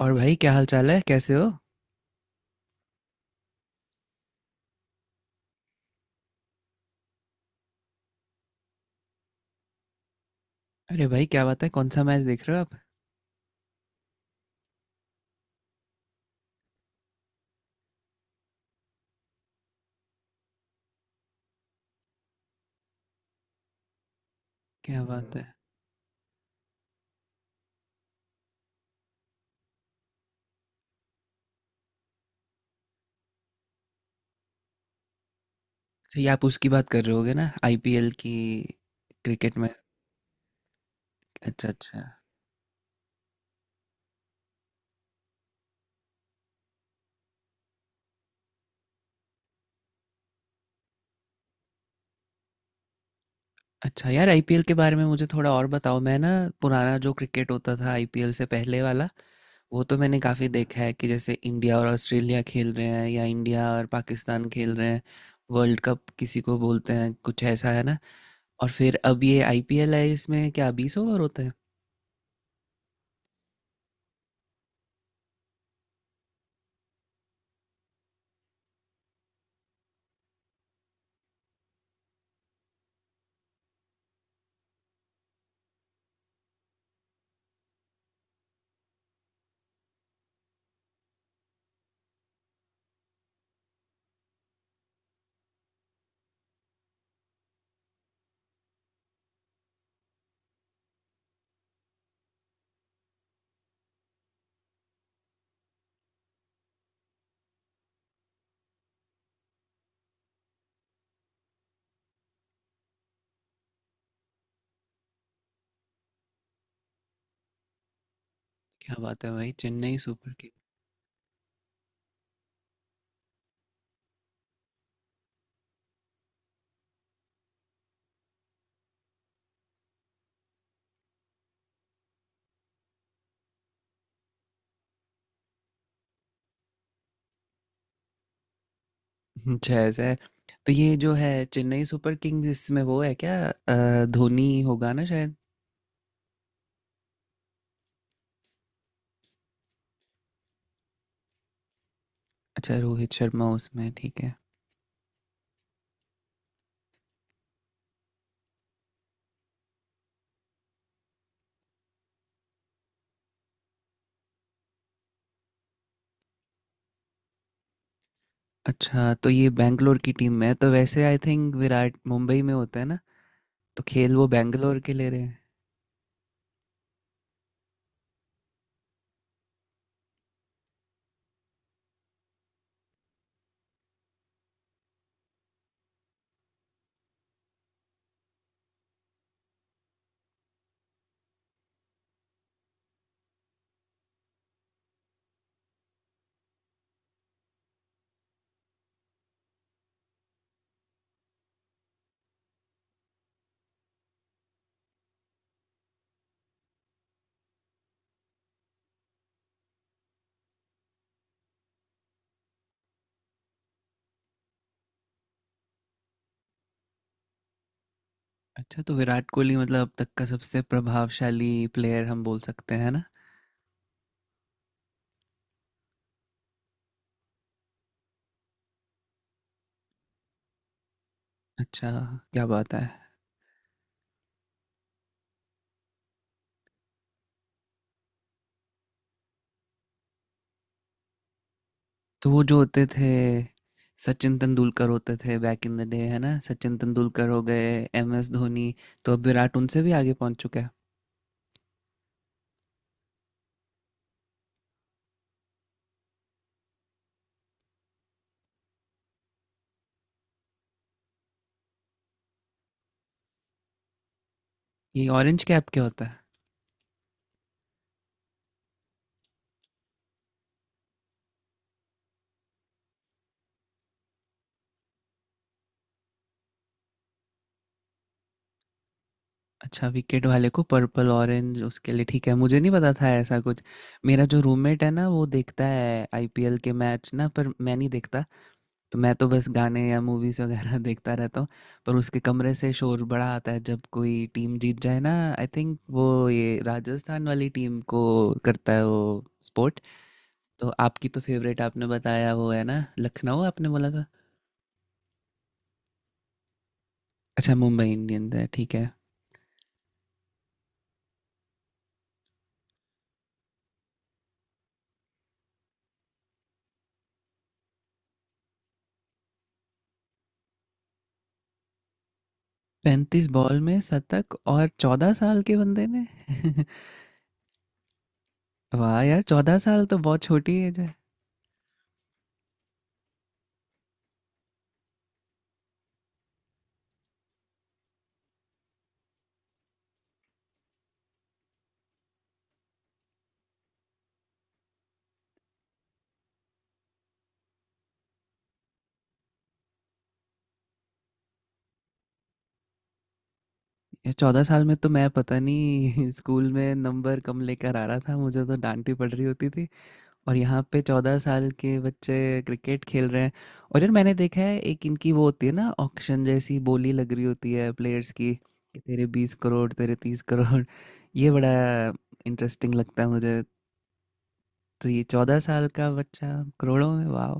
और भाई क्या हाल चाल है, कैसे हो। अरे भाई, क्या बात है, कौन सा मैच देख रहे हो आप? क्या बात है। अच्छा, ये आप उसकी बात कर रहे होगे ना, आईपीएल की, क्रिकेट में। अच्छा, अच्छा। अच्छा यार, आईपीएल के बारे में मुझे थोड़ा और बताओ। मैं ना, पुराना जो क्रिकेट होता था आईपीएल से पहले वाला, वो तो मैंने काफ़ी देखा है, कि जैसे इंडिया और ऑस्ट्रेलिया खेल रहे हैं या इंडिया और पाकिस्तान खेल रहे हैं। वर्ल्ड कप किसी को बोलते हैं, कुछ ऐसा है ना। और फिर अब ये आईपीएल है, इसमें क्या बीस ओवर होते हैं? क्या बात है भाई, चेन्नई सुपर। अच्छा ऐसा है। तो ये जो है चेन्नई सुपर किंग्स, इसमें वो है क्या, धोनी होगा ना शायद। अच्छा, रोहित शर्मा उसमें, ठीक है। अच्छा तो ये बैंगलोर की टीम में है? तो वैसे आई थिंक विराट मुंबई में होता है ना, तो खेल वो बैंगलोर के ले रहे हैं। अच्छा तो विराट कोहली मतलब अब तक का सबसे प्रभावशाली प्लेयर हम बोल सकते हैं ना। अच्छा। क्या बात है। तो वो जो होते थे, सचिन तेंदुलकर होते थे बैक इन द डे, है ना, सचिन तेंदुलकर हो गए, एम एस धोनी, तो अब विराट उनसे भी आगे पहुंच चुका है। ये ऑरेंज कैप क्या होता है? अच्छा विकेट वाले को पर्पल, ऑरेंज उसके लिए, ठीक है, मुझे नहीं पता था ऐसा कुछ। मेरा जो रूममेट है ना वो देखता है आईपीएल के मैच ना, पर मैं नहीं देखता। तो मैं तो बस गाने या मूवीज वगैरह देखता रहता हूँ। पर उसके कमरे से शोर बड़ा आता है जब कोई टीम जीत जाए ना। आई थिंक वो ये राजस्थान वाली टीम को करता है वो स्पोर्ट। तो आपकी तो फेवरेट आपने बताया वो है ना, लखनऊ, आपने बोला था। अच्छा, मुंबई इंडियंस है, ठीक है। 35 बॉल में शतक, और 14 साल के बंदे ने वाह यार, 14 साल तो बहुत छोटी एज है। यार 14 साल में तो मैं पता नहीं स्कूल में नंबर कम लेकर आ रहा था, मुझे तो डांट ही पड़ रही होती थी, और यहाँ पे 14 साल के बच्चे क्रिकेट खेल रहे हैं। और यार मैंने देखा है एक इनकी वो होती है ना ऑक्शन जैसी, बोली लग रही होती है प्लेयर्स की, कि तेरे 20 करोड़, तेरे 30 करोड़ ये बड़ा इंटरेस्टिंग लगता है मुझे। तो ये 14 साल का बच्चा करोड़ों में, वाह!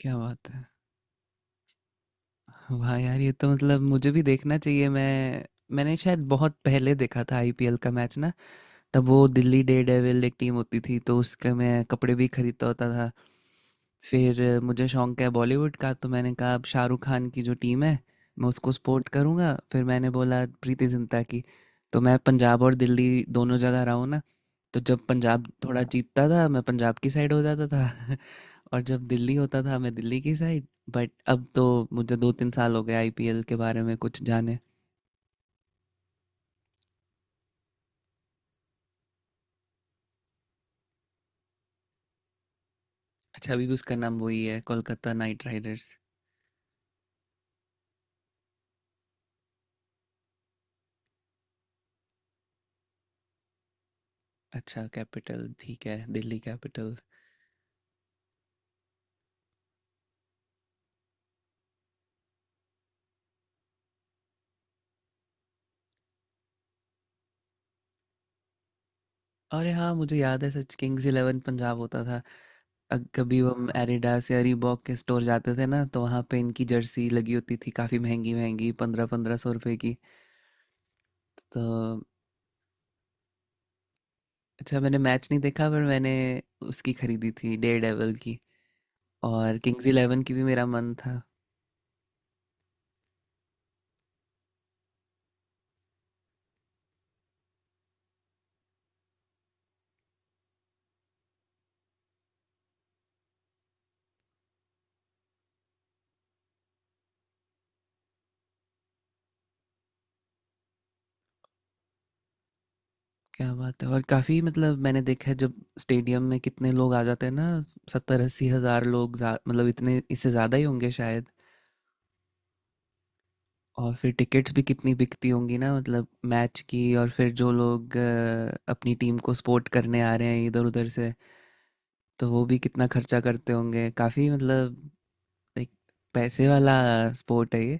क्या बात है। वाह यार! ये तो मतलब मुझे भी देखना चाहिए। मैं मैंने शायद बहुत पहले देखा था आईपीएल का मैच ना, तब वो दिल्ली डेयरडेविल एक टीम होती थी, तो उसके मैं कपड़े भी खरीदता होता था। फिर मुझे शौक है बॉलीवुड का, तो मैंने कहा अब शाहरुख खान की जो टीम है, मैं उसको सपोर्ट करूँगा। फिर मैंने बोला प्रीति जिंटा की। तो मैं पंजाब और दिल्ली दोनों जगह रहा हूँ ना, तो जब पंजाब थोड़ा जीतता था, मैं पंजाब की साइड हो जाता था और जब दिल्ली होता था मैं दिल्ली की साइड। बट अब तो मुझे दो तीन साल हो गए आईपीएल के बारे में कुछ जाने। अच्छा, अभी भी उसका नाम वही है, कोलकाता नाइट राइडर्स। अच्छा कैपिटल, ठीक है, दिल्ली कैपिटल। और हाँ मुझे याद है सच, किंग्स इलेवन पंजाब होता था। कभी हम एडिडास या रीबॉक के स्टोर जाते थे ना, तो वहाँ पे इनकी जर्सी लगी होती थी, काफ़ी महंगी महंगी, पंद्रह पंद्रह सौ रुपए की। तो अच्छा मैंने मैच नहीं देखा, पर मैंने उसकी खरीदी थी, डेयर डेविल की। और किंग्स इलेवन की भी मेरा मन था। क्या बात है। और काफ़ी, मतलब मैंने देखा है जब स्टेडियम में कितने लोग आ जाते हैं ना, सत्तर अस्सी हज़ार लोग मतलब इतने, इससे ज़्यादा ही होंगे शायद। और फिर टिकट्स भी कितनी बिकती होंगी ना, मतलब मैच की। और फिर जो लोग अपनी टीम को सपोर्ट करने आ रहे हैं इधर उधर से, तो वो भी कितना खर्चा करते होंगे, काफ़ी, मतलब एक पैसे वाला स्पोर्ट है ये।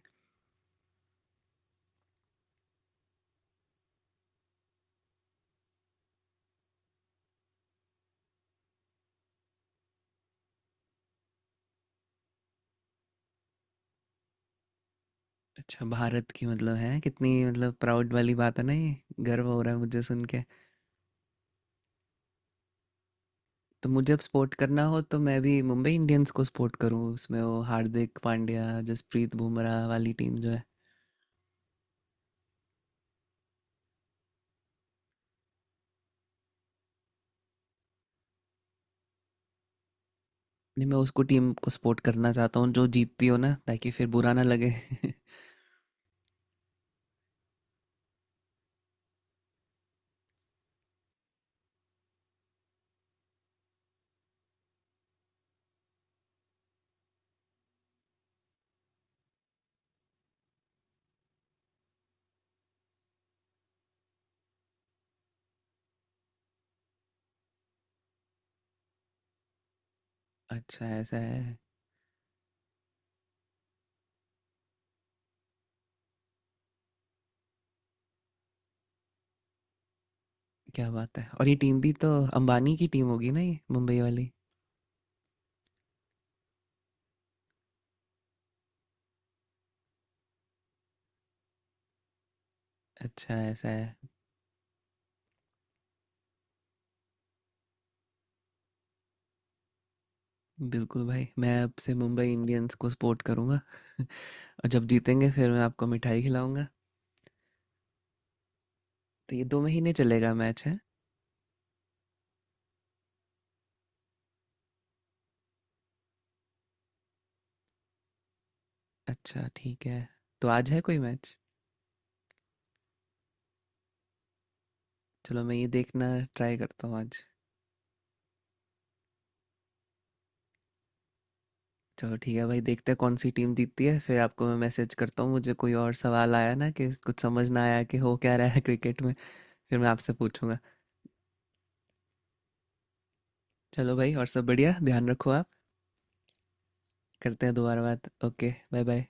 अच्छा, भारत की मतलब है, कितनी मतलब प्राउड वाली बात है ना ये, गर्व हो रहा है मुझे सुन। तो मुझे अब सपोर्ट करना हो तो मैं भी मुंबई इंडियंस को सपोर्ट करूँ, उसमें वो हार्दिक पांड्या, जसप्रीत बुमराह वाली टीम जो है। नहीं, मैं उसको टीम को सपोर्ट करना चाहता हूँ जो जीतती हो ना, ताकि फिर बुरा ना लगे अच्छा ऐसा है। क्या बात है। और ये टीम भी तो अंबानी की टीम होगी ना, ये मुंबई वाली। अच्छा ऐसा है। बिल्कुल भाई, मैं अब से मुंबई इंडियंस को सपोर्ट करूँगा और जब जीतेंगे फिर मैं आपको मिठाई खिलाऊंगा। तो ये दो महीने चलेगा मैच है? अच्छा ठीक है। तो आज है कोई मैच? चलो मैं ये देखना ट्राई करता हूँ आज। चलो ठीक है भाई, देखते हैं कौन सी टीम जीतती है, फिर आपको मैं मैसेज करता हूँ, मुझे कोई और सवाल आया ना कि कुछ समझ ना आया कि हो क्या रहा है क्रिकेट में। फिर मैं आपसे पूछूंगा। चलो भाई, और सब बढ़िया, ध्यान रखो आप, करते हैं दोबारा बात, ओके, बाय बाय।